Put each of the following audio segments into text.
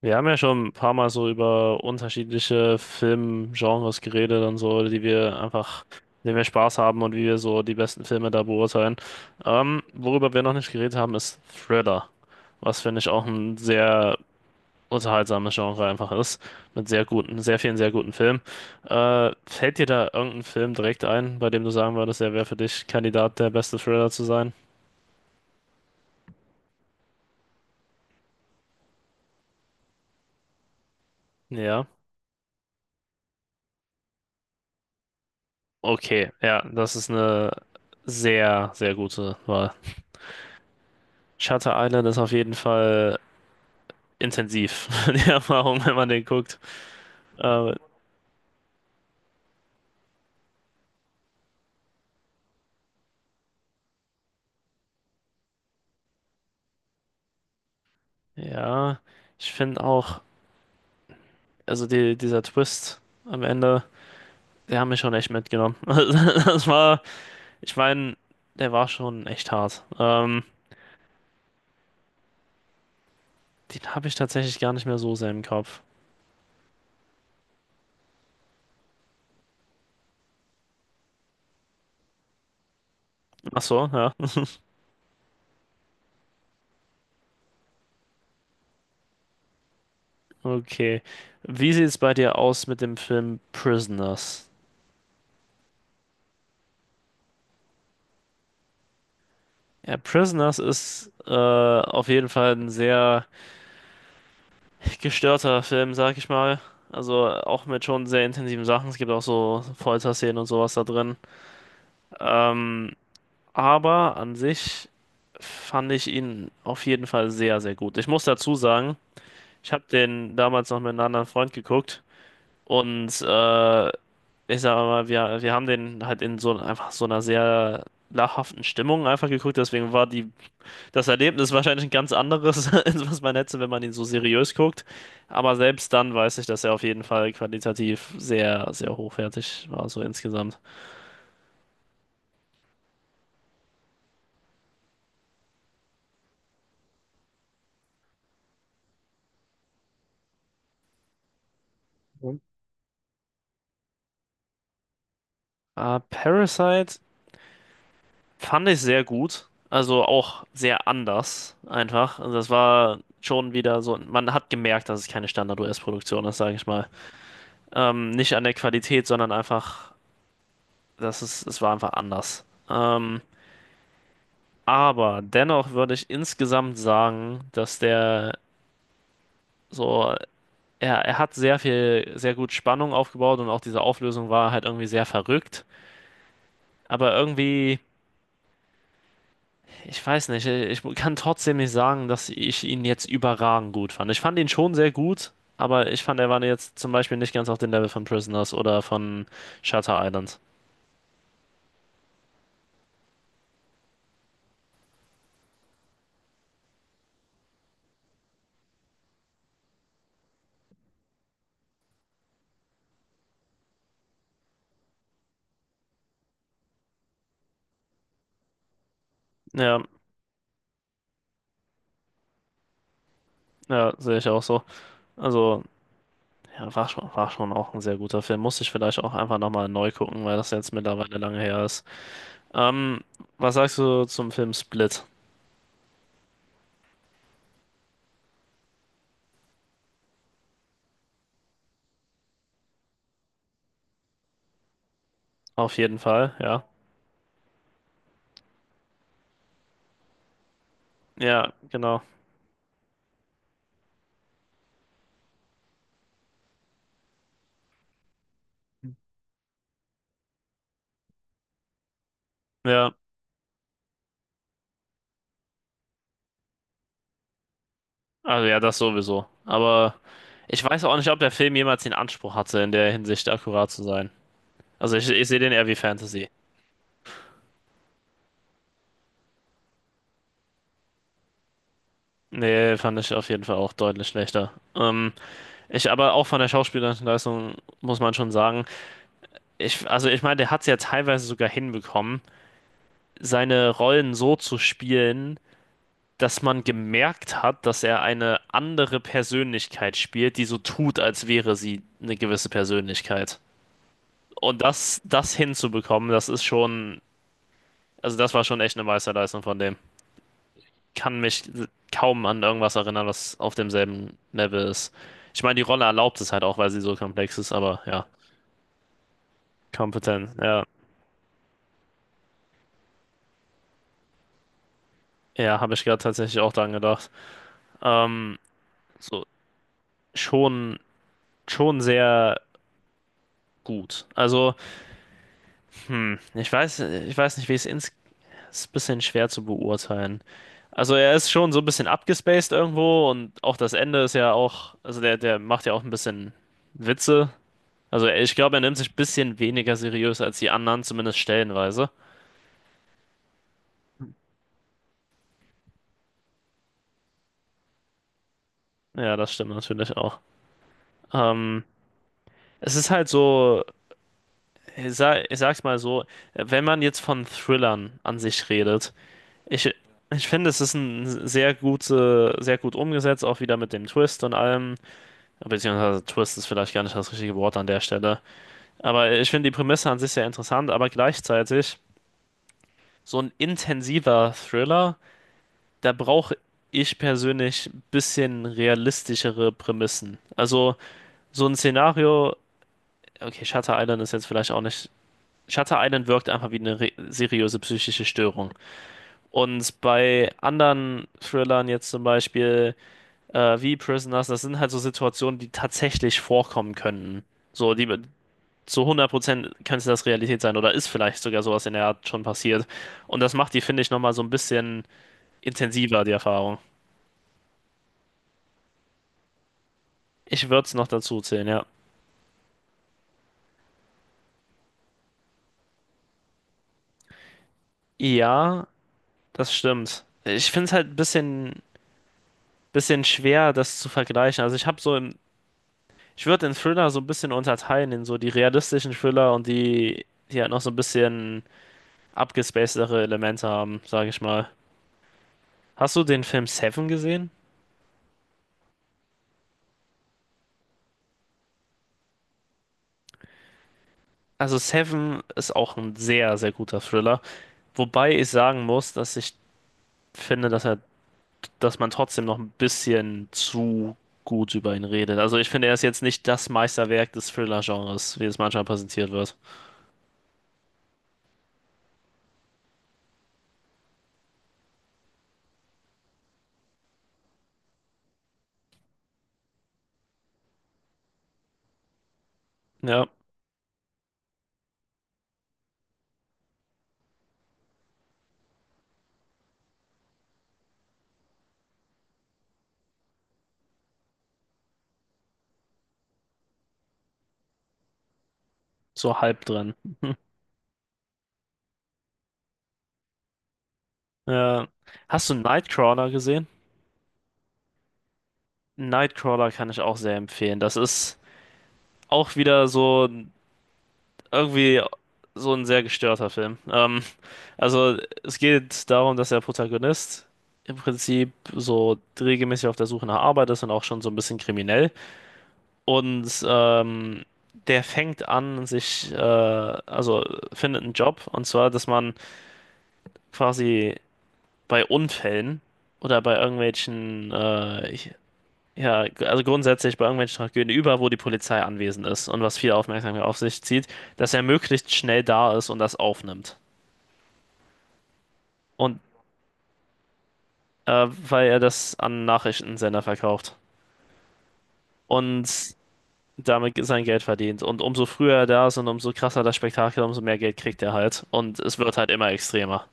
Wir haben ja schon ein paar Mal so über unterschiedliche Filmgenres geredet und so, die wir einfach, denen wir Spaß haben und wie wir so die besten Filme da beurteilen. Worüber wir noch nicht geredet haben, ist Thriller, was finde ich auch ein sehr unterhaltsames Genre einfach ist, mit sehr guten, sehr vielen sehr guten Filmen. Fällt dir da irgendein Film direkt ein, bei dem du sagen würdest, der wäre für dich Kandidat, der beste Thriller zu sein? Ja. Okay, ja, das ist eine sehr, sehr gute Wahl. Shutter Island ist auf jeden Fall intensiv, die Erfahrung, wenn man den guckt. Aber ja, ich finde auch, also dieser Twist am Ende, der hat mich schon echt mitgenommen. Das war, ich meine, der war schon echt hart. Den habe ich tatsächlich gar nicht mehr so sehr im Kopf. Ach so, ja. Okay. Wie sieht es bei dir aus mit dem Film Prisoners? Ja, Prisoners ist auf jeden Fall ein sehr gestörter Film, sag ich mal. Also auch mit schon sehr intensiven Sachen. Es gibt auch so Folterszenen und sowas da drin. Ähm, aber an sich fand ich ihn auf jeden Fall sehr, sehr gut. Ich muss dazu sagen, ich habe den damals noch mit einem anderen Freund geguckt und ich sag mal, wir haben den halt in so einfach so einer sehr lachhaften Stimmung einfach geguckt. Deswegen war die das Erlebnis ist wahrscheinlich ein ganz anderes, als was man hätte, wenn man ihn so seriös guckt. Aber selbst dann weiß ich, dass er auf jeden Fall qualitativ sehr, sehr hochwertig war, so insgesamt. Mhm. Parasite fand ich sehr gut. Also auch sehr anders, einfach. Also das war schon wieder so, man hat gemerkt, dass es keine Standard-US-Produktion ist, sage ich mal. Nicht an der Qualität, sondern einfach, es war einfach anders. Aber dennoch würde ich insgesamt sagen, So, er hat sehr viel, sehr gut Spannung aufgebaut und auch diese Auflösung war halt irgendwie sehr verrückt. Aber irgendwie, ich weiß nicht, ich kann trotzdem nicht sagen, dass ich ihn jetzt überragend gut fand. Ich fand ihn schon sehr gut, aber ich fand, er war jetzt zum Beispiel nicht ganz auf dem Level von Prisoners oder von Shutter Island. Ja, ja, sehe ich auch so. Also, ja, war schon auch ein sehr guter Film. Musste ich vielleicht auch einfach nochmal neu gucken, weil das jetzt mittlerweile lange her ist. Ähm, Was sagst du zum Film Split? Auf jeden Fall, ja. Ja, genau. Ja, also ja, das sowieso. Aber ich weiß auch nicht, ob der Film jemals den Anspruch hatte, in der Hinsicht akkurat zu sein. Also ich sehe den eher wie Fantasy. Nee, fand ich auf jeden Fall auch deutlich schlechter. Ich aber auch von der schauspielerischen Leistung muss man schon sagen, ich, also ich meine, der hat es ja teilweise sogar hinbekommen, seine Rollen so zu spielen, dass man gemerkt hat, dass er eine andere Persönlichkeit spielt, die so tut, als wäre sie eine gewisse Persönlichkeit. Und das hinzubekommen, das ist schon, also das war schon echt eine Meisterleistung von dem. Kann mich kaum an irgendwas erinnern, was auf demselben Level ist. Ich meine, die Rolle erlaubt es halt auch, weil sie so komplex ist, aber ja, kompetent. Ja, ja, habe ich gerade tatsächlich auch dran gedacht. Ähm, so, schon, schon sehr gut. Also, hm, ich weiß nicht, wie ich es ist ein bisschen schwer zu beurteilen. Also er ist schon so ein bisschen abgespaced irgendwo und auch das Ende ist ja auch, also der macht ja auch ein bisschen Witze. Also ich glaube, er nimmt sich ein bisschen weniger seriös als die anderen, zumindest stellenweise. Ja, das stimmt natürlich auch. Ähm, Es ist halt so, ich sag's mal so, wenn man jetzt von Thrillern an sich redet, ich, ich finde, es ist ein sehr gute, sehr gut umgesetzt, auch wieder mit dem Twist und allem. Beziehungsweise Twist ist vielleicht gar nicht das richtige Wort an der Stelle. Aber ich finde die Prämisse an sich sehr interessant, aber gleichzeitig so ein intensiver Thriller, da brauche ich persönlich ein bisschen realistischere Prämissen. Also so ein Szenario, okay, Shutter Island ist jetzt vielleicht auch nicht. Shutter Island wirkt einfach wie eine re seriöse psychische Störung. Und bei anderen Thrillern jetzt zum Beispiel wie Prisoners, das sind halt so Situationen, die tatsächlich vorkommen könnten. So, die, zu 100% könnte das Realität sein oder ist vielleicht sogar sowas in der Art schon passiert. Und das macht die, finde ich, nochmal so ein bisschen intensiver, die Erfahrung. Ich würde es noch dazu zählen, ja. Ja, das stimmt. Ich finde es halt ein bisschen, bisschen schwer, das zu vergleichen. Also ich habe so im, ich würde den Thriller so ein bisschen unterteilen in so die realistischen Thriller und die halt noch so ein bisschen abgespacedere Elemente haben, sage ich mal. Hast du den Film Seven gesehen? Also Seven ist auch ein sehr, sehr guter Thriller. Wobei ich sagen muss, dass ich finde, dass man trotzdem noch ein bisschen zu gut über ihn redet. Also ich finde, er ist jetzt nicht das Meisterwerk des Thriller-Genres, wie es manchmal präsentiert wird. Ja, so halb dran. Ja. Hast du Nightcrawler gesehen? Nightcrawler kann ich auch sehr empfehlen. Das ist auch wieder so, irgendwie so ein sehr gestörter Film. Also es geht darum, dass der Protagonist im Prinzip so regelmäßig auf der Suche nach Arbeit ist und auch schon so ein bisschen kriminell. Und der fängt an, also findet einen Job, und zwar, dass man quasi bei Unfällen oder bei irgendwelchen ja, also grundsätzlich bei irgendwelchen Tragödien, über wo die Polizei anwesend ist und was viel Aufmerksamkeit auf sich zieht, dass er möglichst schnell da ist und das aufnimmt. Und weil er das an Nachrichtensender verkauft und damit sein Geld verdient. Und umso früher er da ist und umso krasser das Spektakel, umso mehr Geld kriegt er halt. Und es wird halt immer extremer.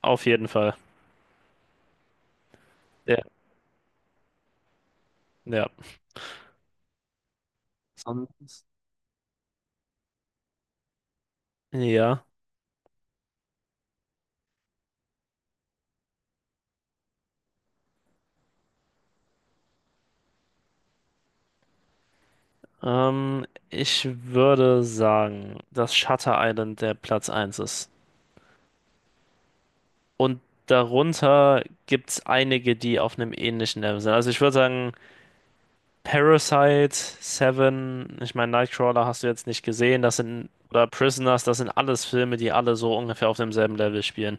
Auf jeden Fall. Ja, ja. Sonst, ja. Ich würde sagen, dass Shutter Island der Platz eins ist. Und darunter gibt es einige, die auf einem ähnlichen Level sind. Also ich würde sagen, Parasite, Seven, ich meine, Nightcrawler hast du jetzt nicht gesehen, das sind, oder Prisoners, das sind alles Filme, die alle so ungefähr auf demselben Level spielen.